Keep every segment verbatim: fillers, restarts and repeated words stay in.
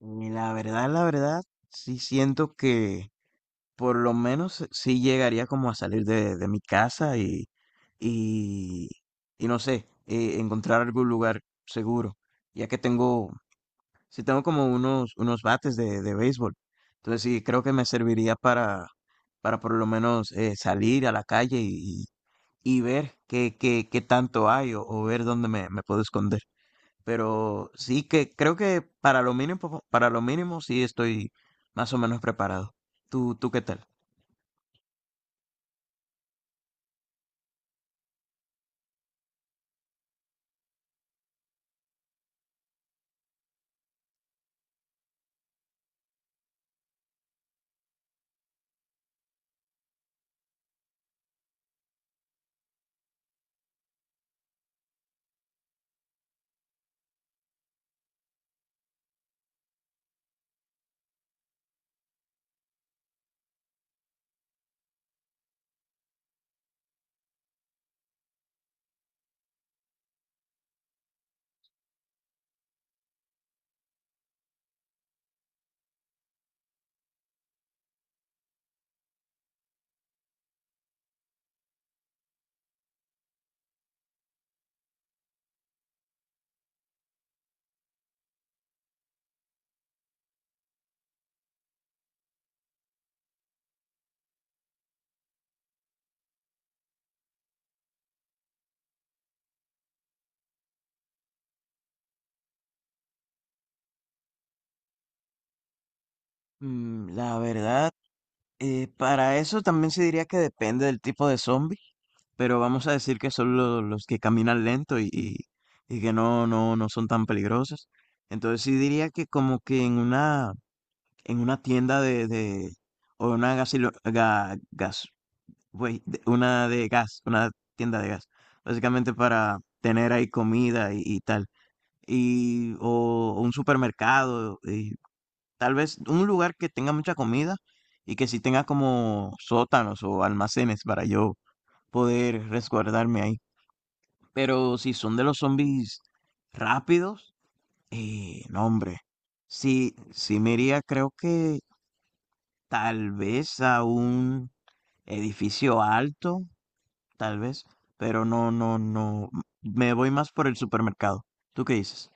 Y la verdad, la verdad, sí siento que por lo menos sí llegaría como a salir de, de mi casa y, y, y no sé, eh, encontrar algún lugar seguro, ya que tengo, sí tengo como unos, unos bates de, de béisbol. Entonces sí, creo que me serviría para, para por lo menos eh, salir a la calle y, y ver qué, qué, qué tanto hay o, o ver dónde me, me puedo esconder. Pero sí que creo que para lo mínimo, para lo mínimo sí estoy más o menos preparado. ¿Tú, tú qué tal? Mm, La verdad, eh, para eso también se diría que depende del tipo de zombie, pero vamos a decir que son lo- los que caminan lento y, y- y que no, no, no son tan peligrosos. Entonces sí diría que como que en una, en una tienda de, de- o una gasilo- ga- gas- güey, de- una de gas, una tienda de gas, básicamente para tener ahí comida y, y tal, y o, o un supermercado, y tal vez un lugar que tenga mucha comida y que sí tenga como sótanos o almacenes para yo poder resguardarme ahí. Pero si son de los zombies rápidos, eh, no, hombre, sí, sí me iría, creo que tal vez a un edificio alto. Tal vez, pero no, no, no. Me voy más por el supermercado. ¿Tú qué dices?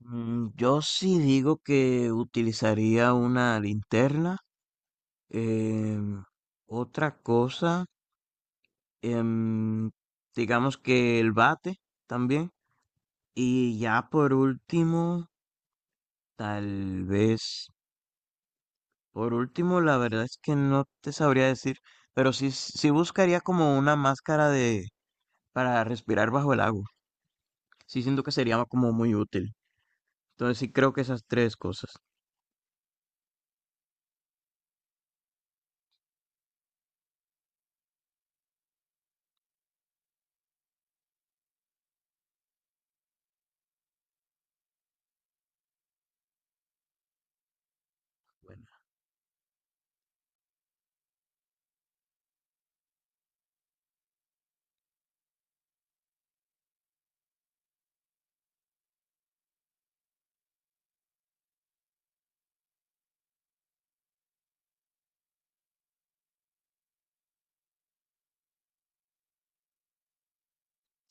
Mm, Yo sí digo que utilizaría una linterna. em, Otra cosa, em, digamos que el bate también. Y ya por último, tal vez, por último, la verdad es que no te sabría decir, pero sí, sí buscaría como una máscara de para respirar bajo el agua. Sí siento que sería como muy útil. Entonces sí creo que esas tres cosas.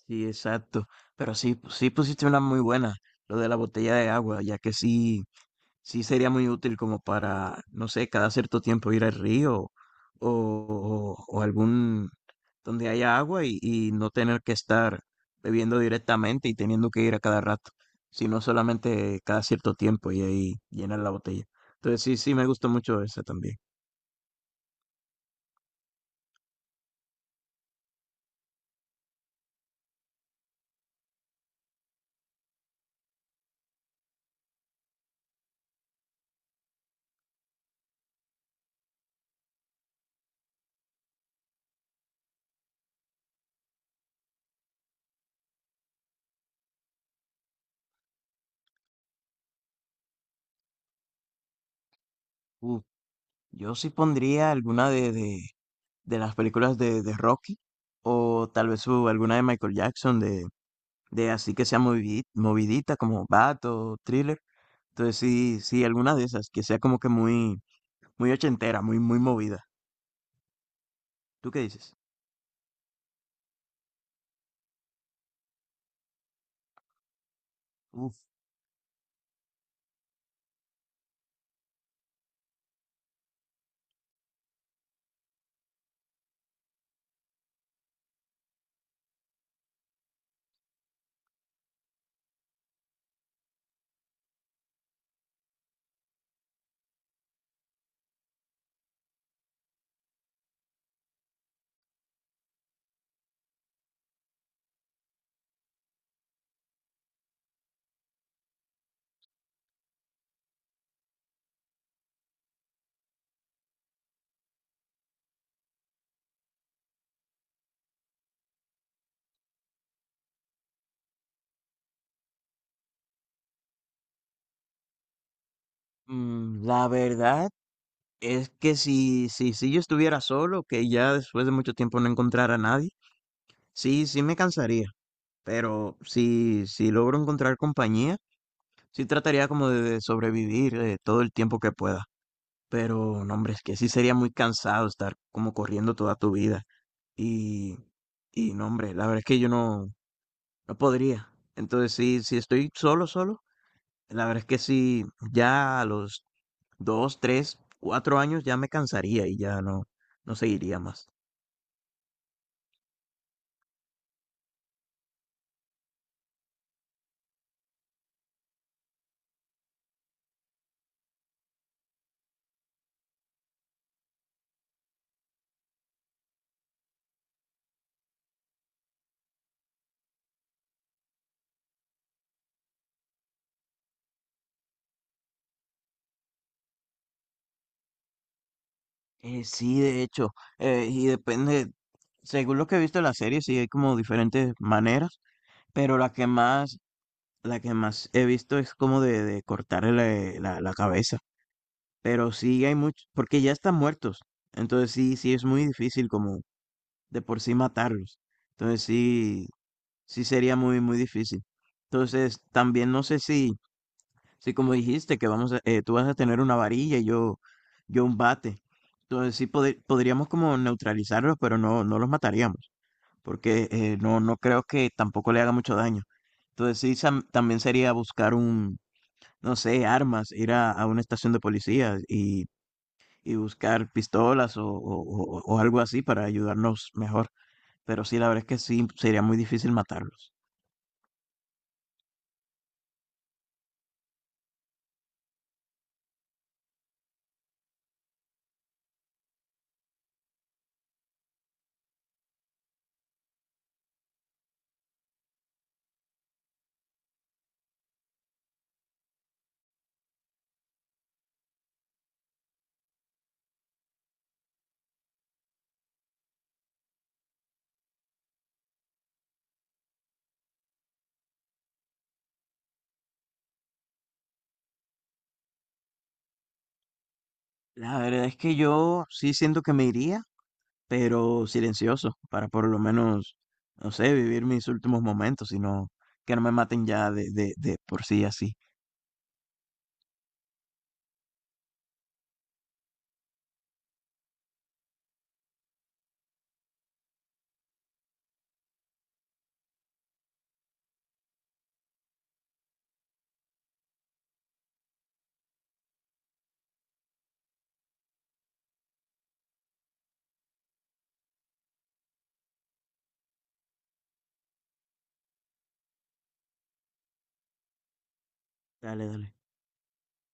Sí, exacto. Pero sí, pu- sí pusiste una muy buena, lo de la botella de agua, ya que sí, sí sería muy útil como para, no sé, cada cierto tiempo ir al río o, o o algún donde haya agua y, y no tener que estar bebiendo directamente y teniendo que ir a cada rato, sino solamente cada cierto tiempo y ahí llenar la botella. Entonces sí, sí me gustó mucho esa también. Uh, yo sí pondría alguna de, de de las películas de, de Rocky, o tal vez su- alguna de Michael Jackson, de, de así que sea movi- movidita, como Bat o Thriller. Entonces sí, sí, alguna de esas, que sea como que muy, muy ochentera, muy, muy movida. ¿Tú qué dices? Uf, mm, la verdad es que si, si, si yo estuviera solo, que ya después de mucho tiempo no encontrara a nadie, sí, sí me cansaría. Pero si, si logro encontrar compañía, sí trataría como de, de sobrevivir eh, todo el tiempo que pueda. Pero, no, hombre, es que sí sería muy cansado estar como corriendo toda tu vida. Y, y no, hombre, la verdad es que yo no, no podría. Entonces, sí, si estoy solo, solo, la verdad es que sí, ya a los dos, tres, cuatro años ya me cansaría y ya no, no seguiría más. Eh, sí, de hecho, eh, y depende, según lo que he visto en la serie, sí hay como diferentes maneras, pero la que más, la que más he visto es como de, de cortarle la la la cabeza. Pero sí hay muchos, porque ya están muertos. Entonces sí, sí es muy difícil como de por sí matarlos. Entonces sí, sí sería muy, muy difícil. Entonces también no sé si, si como dijiste que vamos a, eh, tú vas a tener una varilla y yo, yo un bate. Entonces sí pode- podríamos como neutralizarlos, pero no, no los mataríamos, porque eh, no, no creo que tampoco le haga mucho daño. Entonces sí sam- también sería buscar un, no sé, armas, ir a, a una estación de policía y y buscar pistolas o, o- o- o algo así para ayudarnos mejor. Pero sí, la verdad es que sí, sería muy difícil matarlos. La verdad es que yo sí siento que me iría, pero silencioso, para por lo menos, no sé, vivir mis últimos momentos, sino que no me maten ya de, de, de por sí así. Dale, dale.